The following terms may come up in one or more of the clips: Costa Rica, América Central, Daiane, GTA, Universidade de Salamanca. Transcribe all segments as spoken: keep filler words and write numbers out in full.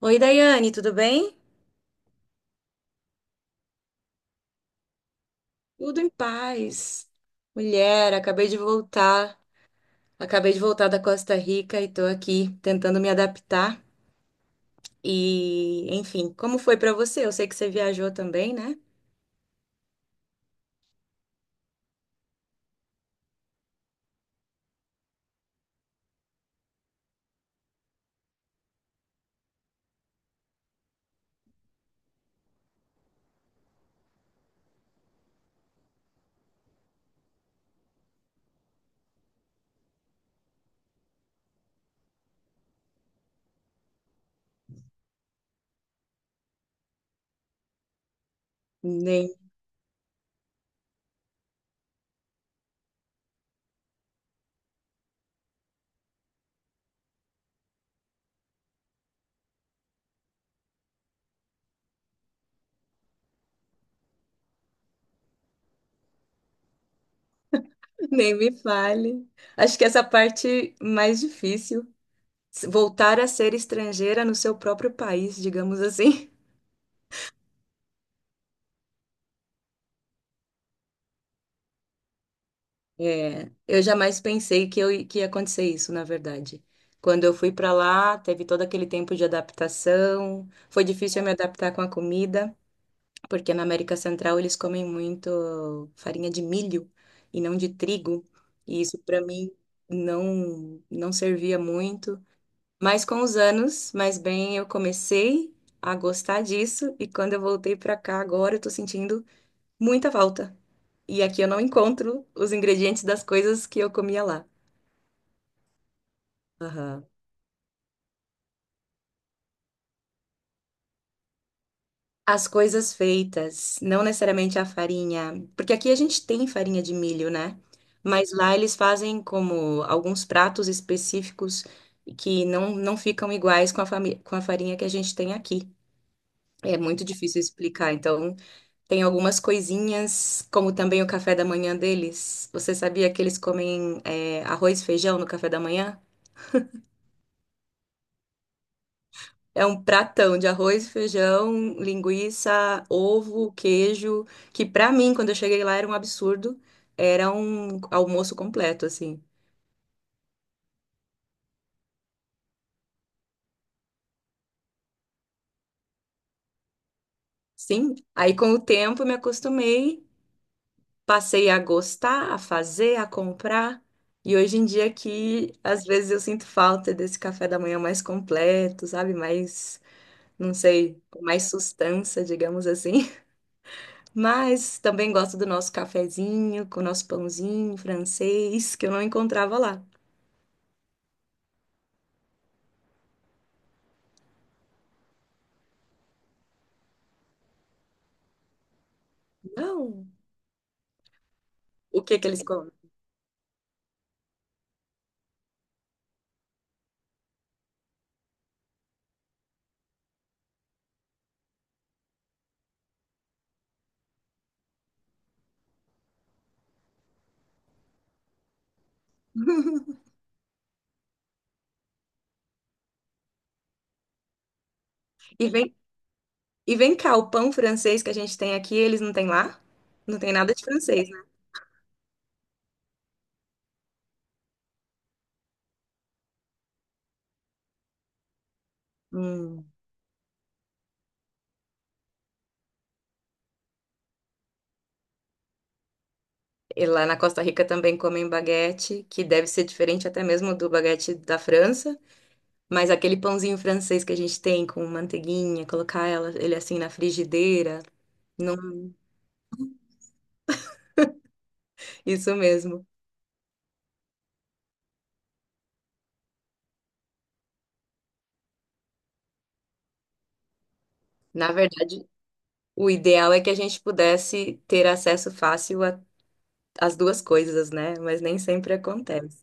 Oi, Daiane, tudo bem? Tudo em paz. Mulher, acabei de voltar. Acabei de voltar da Costa Rica e tô aqui tentando me adaptar. E, enfim, como foi pra você? Eu sei que você viajou também, né? Nem, nem me fale. Acho que essa parte mais difícil, voltar a ser estrangeira no seu próprio país, digamos assim. É, eu jamais pensei que, eu, que ia acontecer isso, na verdade. Quando eu fui para lá, teve todo aquele tempo de adaptação. Foi difícil eu me adaptar com a comida, porque na América Central eles comem muito farinha de milho e não de trigo. E isso para mim não não servia muito. Mas com os anos, mais bem, eu comecei a gostar disso e quando eu voltei para cá agora, eu tô sentindo muita falta. E aqui eu não encontro os ingredientes das coisas que eu comia lá. Aham. As coisas feitas, não necessariamente a farinha, porque aqui a gente tem farinha de milho, né? Mas lá eles fazem como alguns pratos específicos que não, não ficam iguais com a, fami- com a farinha que a gente tem aqui. É muito difícil explicar. Então, tem algumas coisinhas, como também o café da manhã deles. Você sabia que eles comem, é, arroz e feijão no café da manhã? É um pratão de arroz, feijão, linguiça, ovo, queijo, que pra mim, quando eu cheguei lá, era um absurdo. Era um almoço completo, assim. Sim, aí com o tempo eu me acostumei, passei a gostar, a fazer, a comprar. E hoje em dia aqui, às vezes eu sinto falta desse café da manhã mais completo, sabe? Mais, não sei, com mais sustância, digamos assim. Mas também gosto do nosso cafezinho, com o nosso pãozinho francês, que eu não encontrava lá. Não. O que que eles comem? E vem, e vem cá, o pão francês que a gente tem aqui, eles não têm lá? Não tem nada de francês, né? Hum. E lá na Costa Rica também comem baguete, que deve ser diferente até mesmo do baguete da França, mas aquele pãozinho francês que a gente tem com manteiguinha, colocar ela, ele assim na frigideira, não, isso mesmo. Na verdade, o ideal é que a gente pudesse ter acesso fácil a- às duas coisas, né? Mas nem sempre acontece.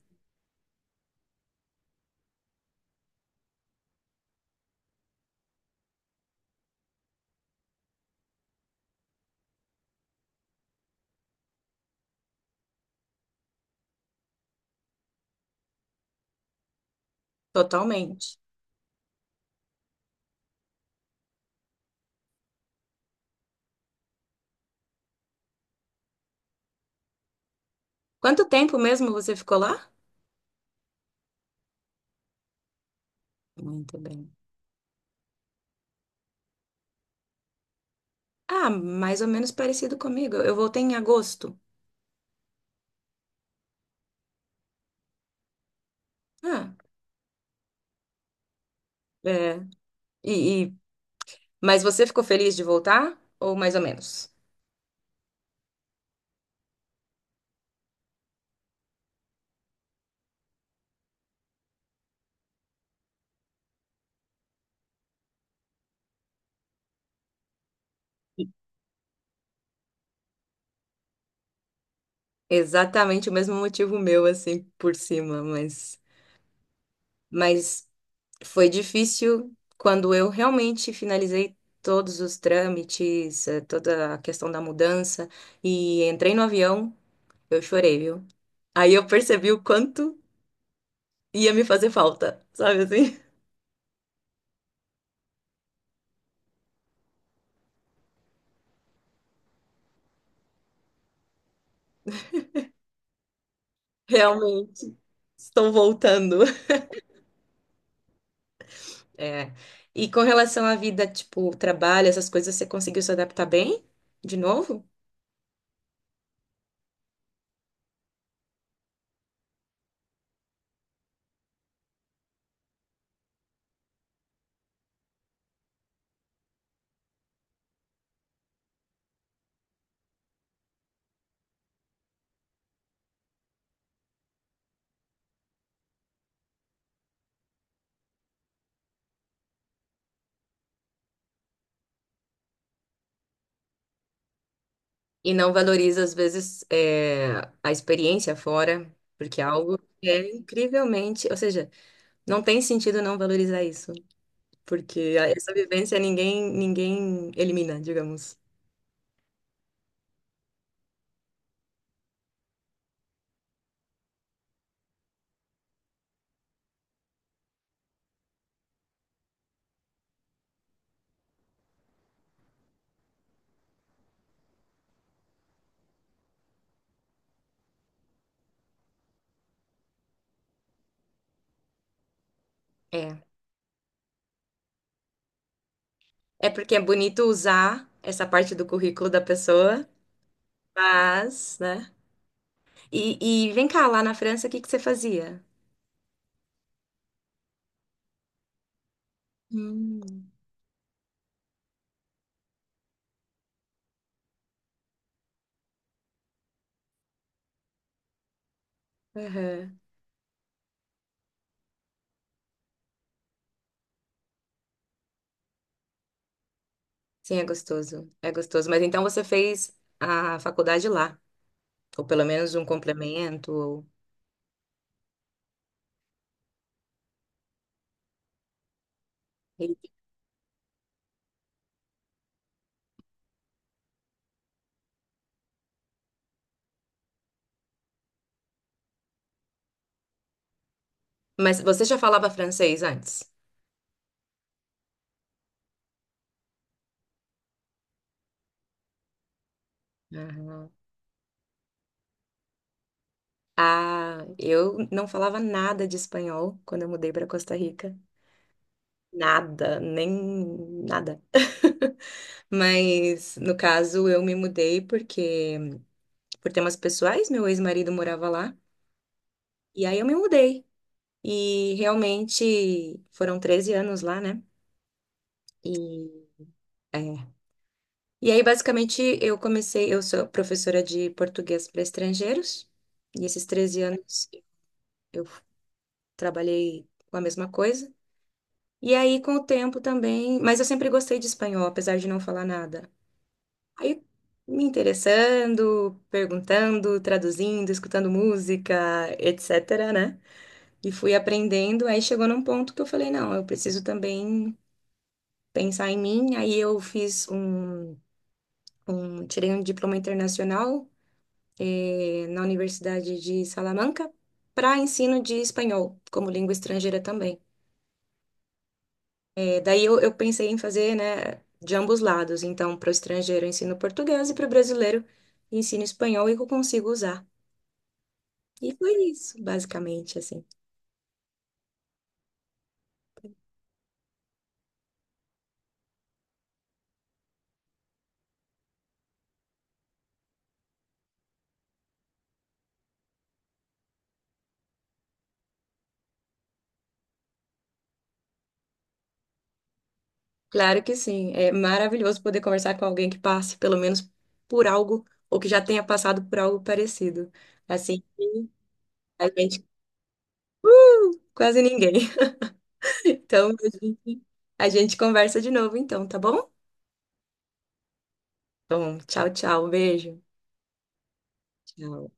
Totalmente. Quanto tempo mesmo você ficou lá? Muito bem. Ah, mais ou menos parecido comigo. Eu voltei em agosto. Ah, é. E, e- Mas você ficou feliz de voltar? Ou mais ou menos? Exatamente o mesmo motivo meu, assim, por cima, mas. Mas foi difícil quando eu realmente finalizei todos os trâmites, eh, toda a questão da mudança e entrei no avião, eu chorei, viu? Aí eu percebi o quanto ia me fazer falta, sabe assim? Realmente, estou voltando. É. E com relação à vida, tipo, trabalho, essas coisas, você conseguiu se adaptar bem de novo? E não valoriza, às vezes, eh, a experiência fora, porque é algo que é incrivelmente. Ou seja, não tem sentido não valorizar isso, porque a- essa vivência ninguém ninguém elimina, digamos. É. É porque é bonito usar essa parte do currículo da pessoa, mas, né? E, e vem cá, lá na França, o que que você fazia? Hum. Aham. Sim, é gostoso. É gostoso. Mas então você fez a faculdade lá, ou pelo menos um complemento. ou- Mas você já falava francês antes? Aham. Ah, eu não falava nada de espanhol quando eu mudei para Costa Rica. Nada, nem nada. Mas, no caso, eu me mudei porque, por temas pessoais, meu ex-marido morava lá. E aí eu me mudei. E realmente foram treze anos lá, né? E, é. E aí, basicamente, eu comecei. Eu sou professora de português para estrangeiros. E esses treze anos eu trabalhei com a mesma coisa. E aí, com o tempo também. Mas eu sempre gostei de espanhol, apesar de não falar nada. Aí, me interessando, perguntando, traduzindo, escutando música, etc, né? E fui aprendendo. Aí chegou num ponto que eu falei: não, eu preciso também pensar em mim. Aí, eu fiz um. Um- Tirei um diploma internacional, eh, na Universidade de Salamanca, para ensino de espanhol, como língua estrangeira também. É, daí eu, eu pensei em fazer, né, de ambos lados. Então, para o estrangeiro eu ensino português e para o brasileiro eu ensino espanhol e que eu consigo usar. E foi isso, basicamente, assim. Claro que sim, é maravilhoso poder conversar com alguém que passe pelo menos por algo ou que já tenha passado por algo parecido. Assim, a gente uh, quase ninguém. Então, a gente, a gente conversa de novo, então, tá bom? Bom, tchau, tchau, beijo. Tchau.